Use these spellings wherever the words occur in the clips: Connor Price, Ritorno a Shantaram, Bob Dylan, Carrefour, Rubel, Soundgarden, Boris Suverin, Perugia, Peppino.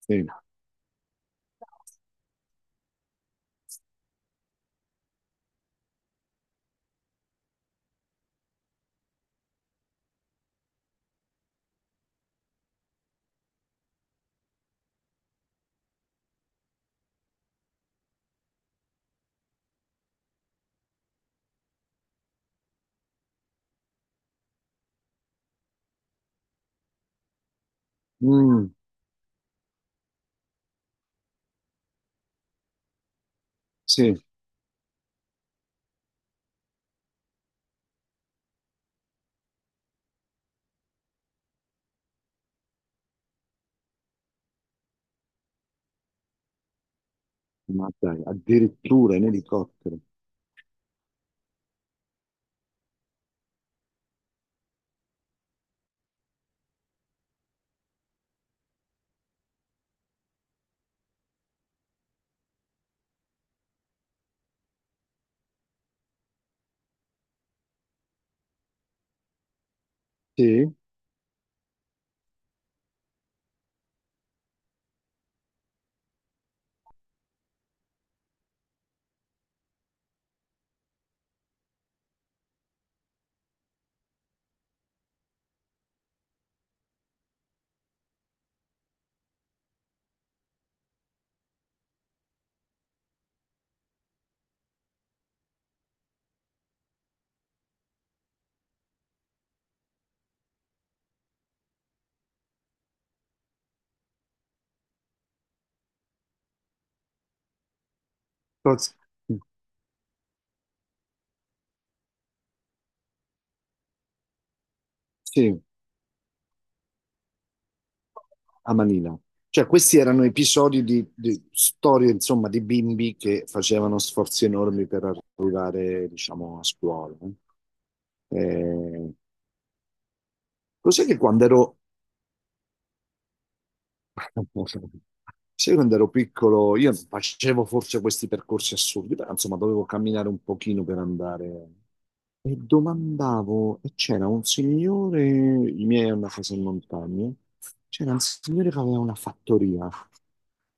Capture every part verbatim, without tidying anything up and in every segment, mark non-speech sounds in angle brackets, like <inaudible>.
Sì. Mm, sì, ma dai, addirittura in elicottero. Sì, Cos- sì, a Manila. Cioè, questi erano episodi di, di storie, insomma, di bimbi che facevano sforzi enormi per arrivare, diciamo, a scuola, no? Eh, cos'è che quando ero, <laughs> sai, quando ero piccolo, io facevo forse questi percorsi assurdi, però, insomma, dovevo camminare un pochino per andare. E domandavo, e c'era un signore, i miei hanno una casa in montagna, c'era un signore che aveva una fattoria,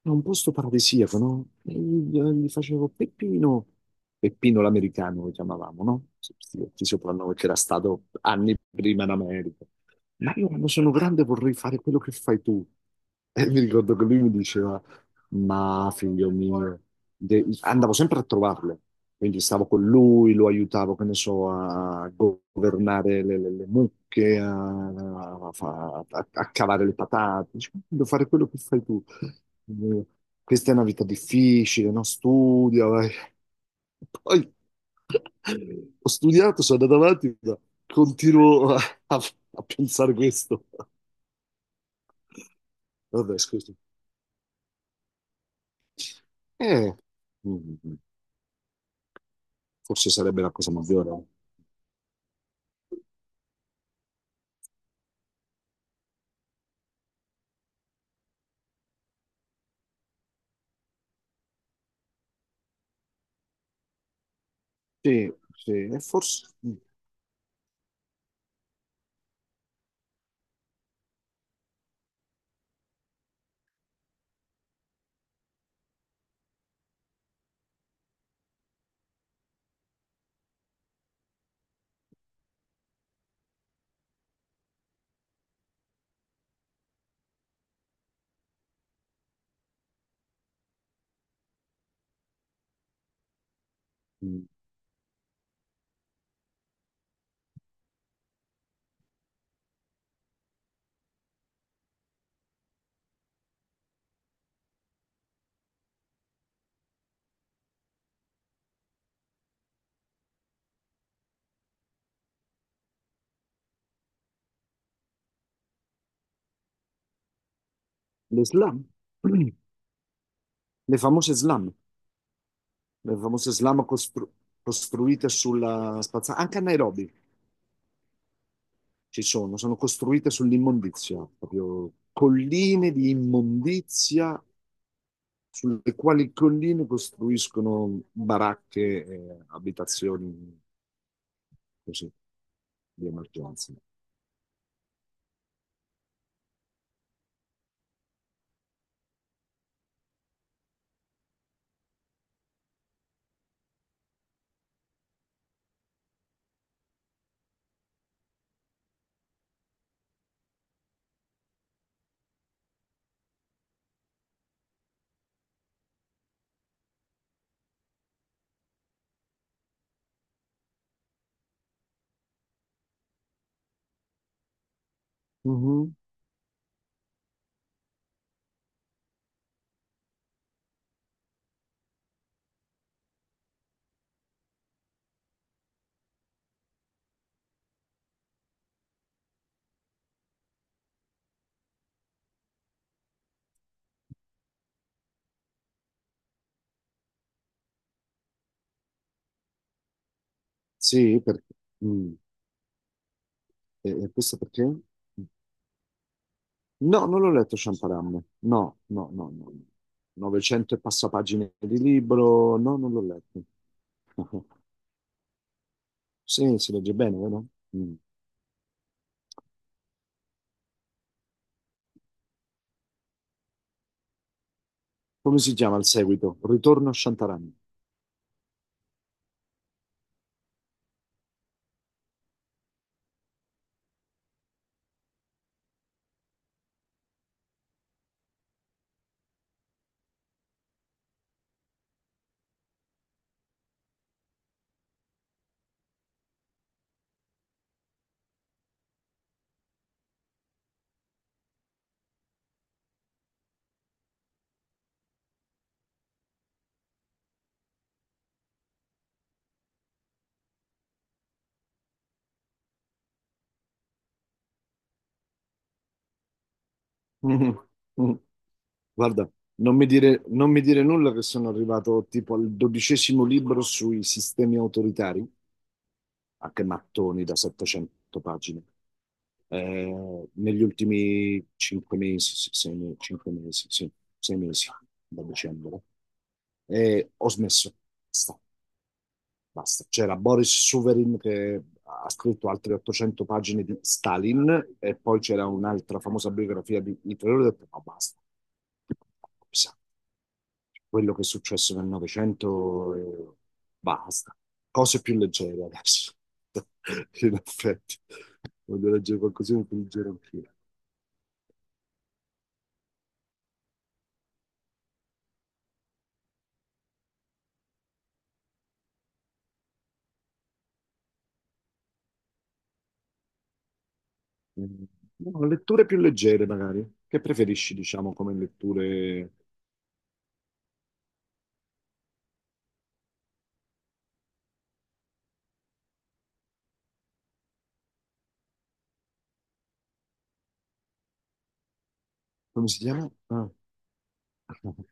in un posto paradisiaco, no? E gli, gli facevo Peppino, Peppino l'americano lo chiamavamo, no? Sì, ti soprannome che era stato anni prima in America. Ma io quando sono grande vorrei fare quello che fai tu. E mi ricordo che lui mi diceva, ma figlio mio, de- andavo sempre a trovarlo, quindi stavo con lui, lo aiutavo, che ne so, a governare le, le- le mucche, a, a fa- a- a cavare le patate. Dice, devo fare quello che fai tu. Eh, Questa è una vita difficile, no? Studia, vai. Poi <laughs> ho studiato, sono andato avanti, ma continuo a, a a pensare questo. Vabbè, scusi. Eh, Mm, mm, mm. Forse sarebbe la cosa maggiore. Sì, sì, e forse mm, le slam, <clears throat> le famose slam, le famose slam costru- costruite sulla spazzatura, anche a Nairobi ci sono, sono costruite sull'immondizia, proprio colline di immondizia sulle quali colline costruiscono baracche e abitazioni così di emergenza. Mhm. Sì, perché, mm, e- e questo perché? No, non l'ho letto Sciamparam. No, no, no, no. novecento e passa pagine di libro. No, non l'ho letto. <laughs> Sì, si legge bene, vero? Mm. Come si chiama il seguito? Ritorno a Shantaram. Mm. Mm. <laughs> Guarda, non mi dire, non mi dire nulla che sono arrivato tipo al dodicesimo libro sui sistemi autoritari. Ah, che mattoni da settecento pagine. Eh, negli ultimi cinque mesi, sì, sei, me- cinque mesi, sì, sei mesi, da dicembre. E ho smesso. Basta, basta. C'era Boris Suverin che ha scritto altre ottocento pagine di Stalin e poi c'era un'altra famosa biografia di Hitler. Ho detto, no, basta. Sa, quello che è successo nel Novecento, eh, basta. Cose più leggere adesso. <laughs> In effetti, voglio leggere qualcosina più leggero anch'io. Mm, no, letture più leggere, magari. Che preferisci, diciamo, come letture... Come si chiama? Ah. <laughs>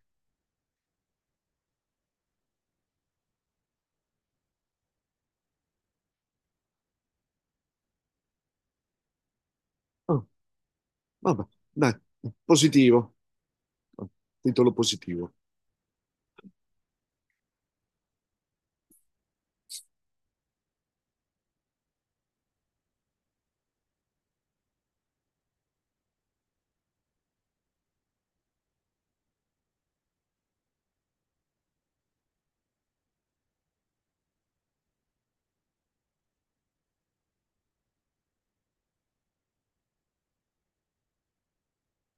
Oh, vabbè, dai, positivo. Oh, titolo positivo.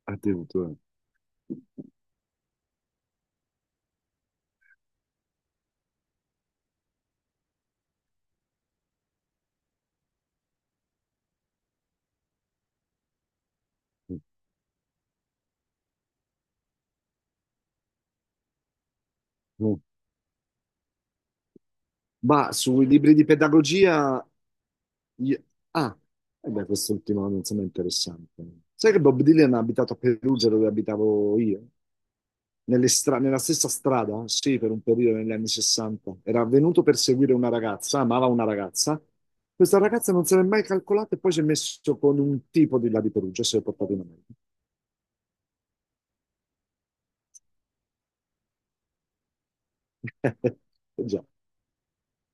Attenzione. Mm. Mm. Ma sui libri di pedagogia... io- Ah, eh beh, quest'ultimo, insomma, è interessante. Sai che Bob Dylan ha abitato a Perugia dove abitavo io? Nelle stra- nella stessa strada, sì, per un periodo negli anni sessanta. Era venuto per seguire una ragazza, amava una ragazza. Questa ragazza non se l'è mai calcolata e poi si è messo con un tipo di là di Perugia, si è portato in America. <laughs> Eh, già.